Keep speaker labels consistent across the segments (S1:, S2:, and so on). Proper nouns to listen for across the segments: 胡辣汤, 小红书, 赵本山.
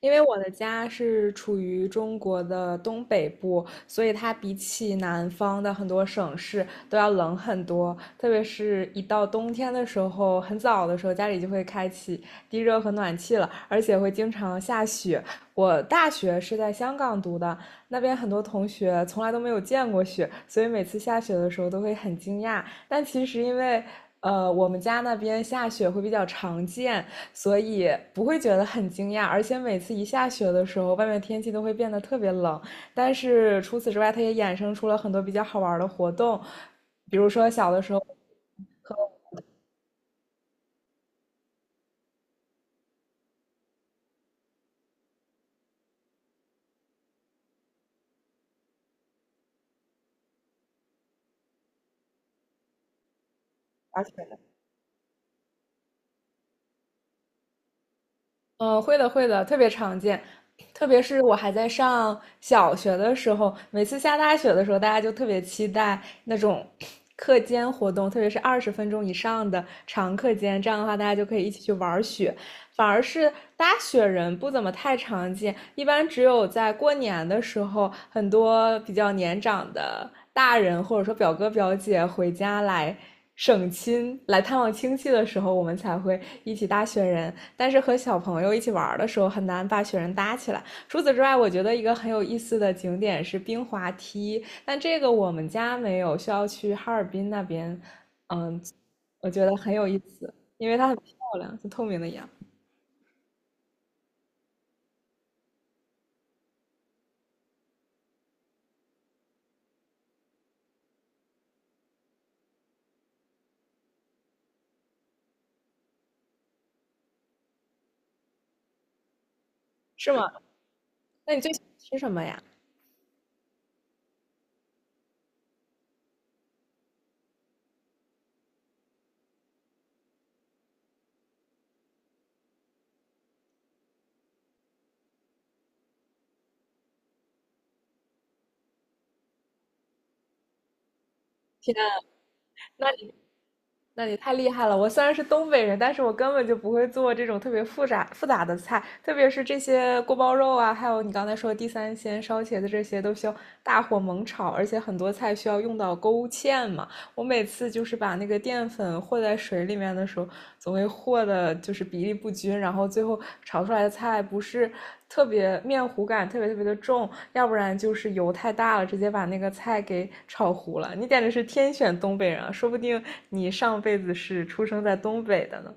S1: 因为我的家是处于中国的东北部，所以它比起南方的很多省市都要冷很多。特别是一到冬天的时候，很早的时候家里就会开启地热和暖气了，而且会经常下雪。我大学是在香港读的，那边很多同学从来都没有见过雪，所以每次下雪的时候都会很惊讶。但其实因为我们家那边下雪会比较常见，所以不会觉得很惊讶，而且每次一下雪的时候，外面天气都会变得特别冷。但是除此之外，它也衍生出了很多比较好玩的活动，比如说小的时候滑雪的嗯，会的会的，特别常见。特别是我还在上小学的时候，每次下大雪的时候，大家就特别期待那种课间活动，特别是20分钟以上的长课间，这样的话大家就可以一起去玩雪。反而是搭雪人不怎么太常见，一般只有在过年的时候，很多比较年长的大人或者说表哥表姐回家来省亲、来探望亲戚的时候，我们才会一起搭雪人。但是和小朋友一起玩的时候，很难把雪人搭起来。除此之外，我觉得一个很有意思的景点是冰滑梯，但这个我们家没有，需要去哈尔滨那边。嗯，我觉得很有意思，因为它很漂亮，就透明的一样。是吗？那你最喜欢吃什么呀？天啊，那你那你太厉害了！我虽然是东北人，但是我根本就不会做这种特别复杂复杂的菜，特别是这些锅包肉啊，还有你刚才说的地三鲜、烧茄子这些，都需要大火猛炒，而且很多菜需要用到勾芡嘛。我每次就是把那个淀粉和在水里面的时候，总会和的就是比例不均，然后最后炒出来的菜不是特别面糊感特别特别的重，要不然就是油太大了，直接把那个菜给炒糊了。你简直是天选东北人，啊说不定你上辈子是出生在东北的呢。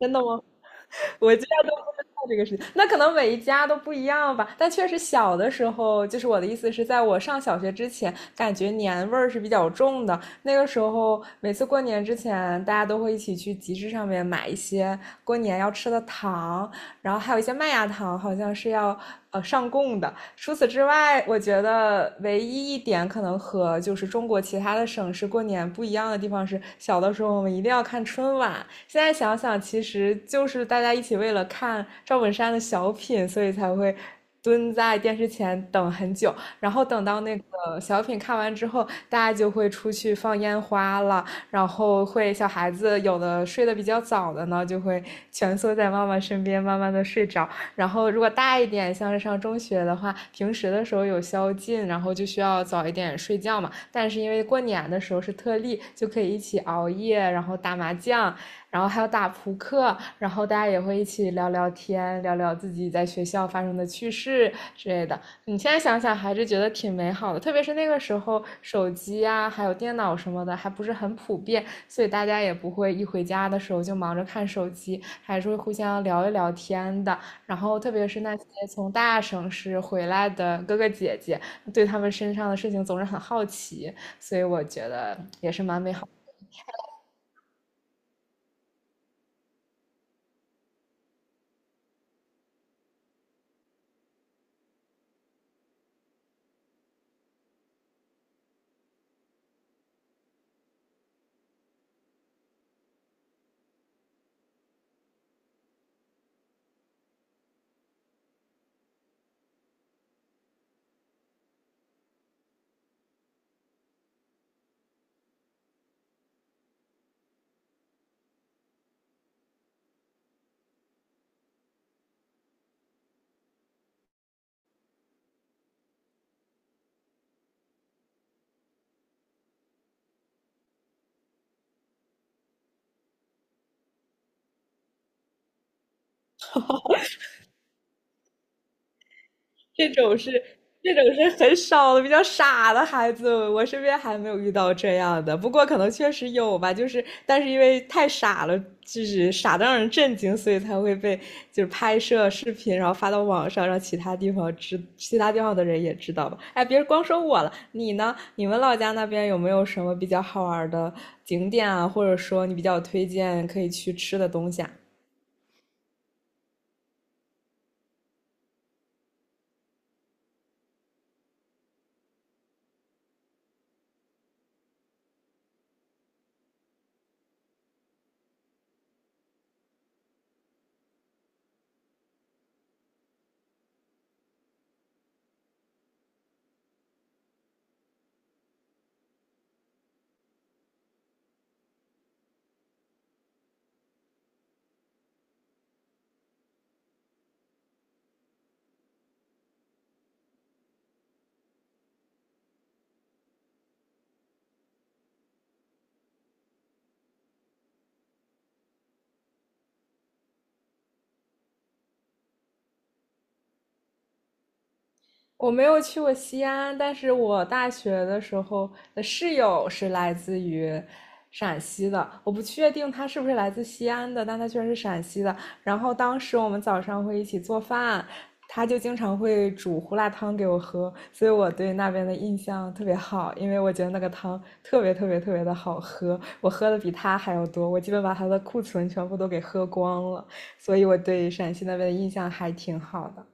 S1: 真的吗？我家都不知道这个事情，那可能每一家都不一样吧。但确实小的时候，就是我的意思是在我上小学之前，感觉年味儿是比较重的。那个时候，每次过年之前，大家都会一起去集市上面买一些过年要吃的糖，然后还有一些麦芽糖好像是要上供的。除此之外，我觉得唯一一点可能和就是中国其他的省市过年不一样的地方是，小的时候我们一定要看春晚。现在想想，其实就是大家一起为了看赵本山的小品，所以才会。蹲在电视前等很久，然后等到那个小品看完之后，大家就会出去放烟花了，然后会小孩子有的睡得比较早的呢，就会蜷缩在妈妈身边，慢慢的睡着。然后如果大一点，像是上中学的话，平时的时候有宵禁，然后就需要早一点睡觉嘛。但是因为过年的时候是特例，就可以一起熬夜，然后打麻将。然后还有打扑克，然后大家也会一起聊聊天，聊聊自己在学校发生的趣事之类的。你现在想想还是觉得挺美好的，特别是那个时候手机啊，还有电脑什么的还不是很普遍，所以大家也不会一回家的时候就忙着看手机，还是会互相聊一聊天的。然后特别是那些从大城市回来的哥哥姐姐，对他们身上的事情总是很好奇，所以我觉得也是蛮美好。这种是这种是很少的，比较傻的孩子，我身边还没有遇到这样的。不过可能确实有吧，就是但是因为太傻了，就是傻的让人震惊，所以才会被就是拍摄视频，然后发到网上，让其他地方知，其他地方的人也知道吧。哎，别光说我了，你呢？你们老家那边有没有什么比较好玩的景点啊，或者说你比较推荐可以去吃的东西啊？我没有去过西安，但是我大学的时候的室友是来自于陕西的，我不确定他是不是来自西安的，但他居然是陕西的。然后当时我们早上会一起做饭，他就经常会煮胡辣汤给我喝，所以我对那边的印象特别好，因为我觉得那个汤特别特别特别的好喝，我喝的比他还要多，我基本把他的库存全部都给喝光了，所以我对陕西那边的印象还挺好的。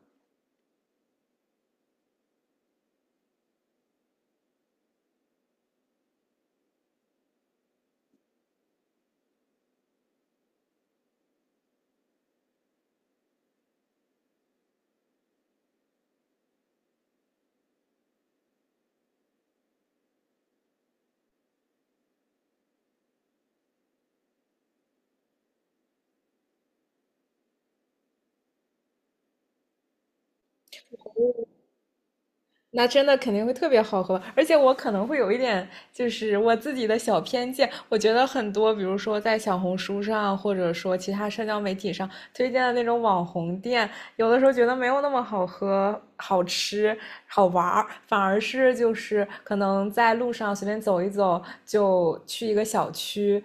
S1: 那真的肯定会特别好喝，而且我可能会有一点，就是我自己的小偏见，我觉得很多，比如说在小红书上，或者说其他社交媒体上推荐的那种网红店，有的时候觉得没有那么好喝、好吃、好玩儿，反而是就是可能在路上随便走一走，就去一个小区，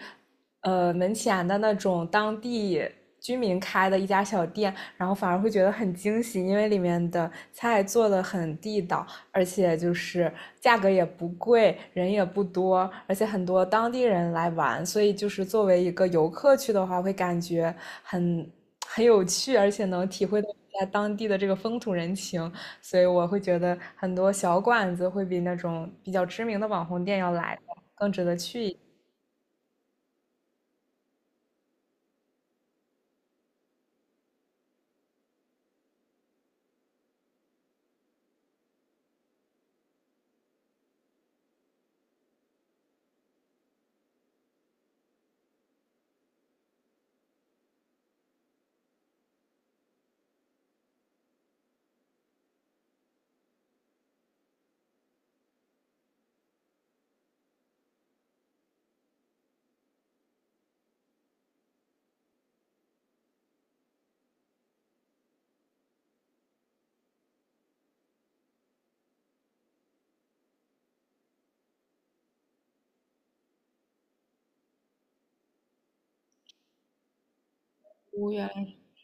S1: 门前的那种当地。居民开的一家小店，然后反而会觉得很惊喜，因为里面的菜做的很地道，而且就是价格也不贵，人也不多，而且很多当地人来玩，所以就是作为一个游客去的话，会感觉很很有趣，而且能体会到一下当地的这个风土人情，所以我会觉得很多小馆子会比那种比较知名的网红店要来的更值得去一下。哦，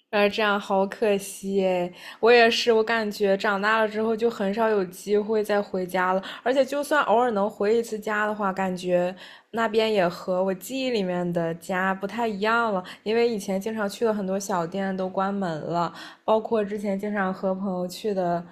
S1: 哎，这样好可惜诶，我也是，我感觉长大了之后就很少有机会再回家了，而且就算偶尔能回一次家的话，感觉那边也和我记忆里面的家不太一样了，因为以前经常去的很多小店都关门了，包括之前经常和朋友去的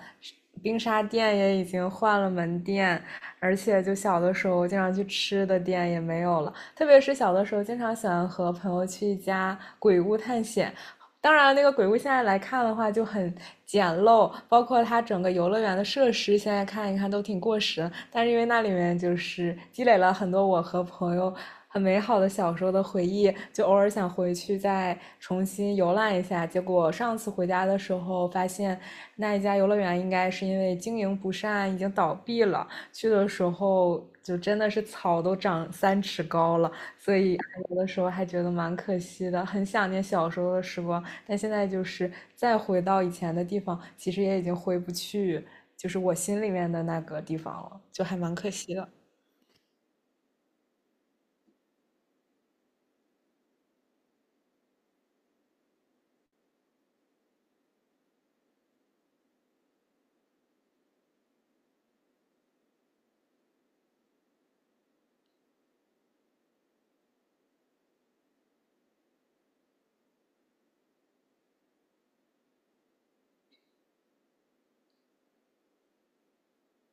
S1: 冰沙店也已经换了门店，而且就小的时候经常去吃的店也没有了。特别是小的时候，经常喜欢和朋友去一家鬼屋探险，当然，那个鬼屋现在来看的话就很简陋，包括它整个游乐园的设施，现在看一看都挺过时。但是因为那里面就是积累了很多我和朋友很美好的小时候的回忆，就偶尔想回去再重新游览一下。结果上次回家的时候发现，那一家游乐园应该是因为经营不善已经倒闭了。去的时候就真的是草都长三尺高了。所以有的时候还觉得蛮可惜的，很想念小时候的时光，但现在就是再回到以前的地方，其实也已经回不去，就是我心里面的那个地方了，就还蛮可惜的。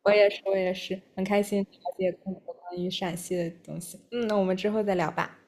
S1: 我也是，我也是，很开心了解更多关于陕西的东西。嗯，那我们之后再聊吧。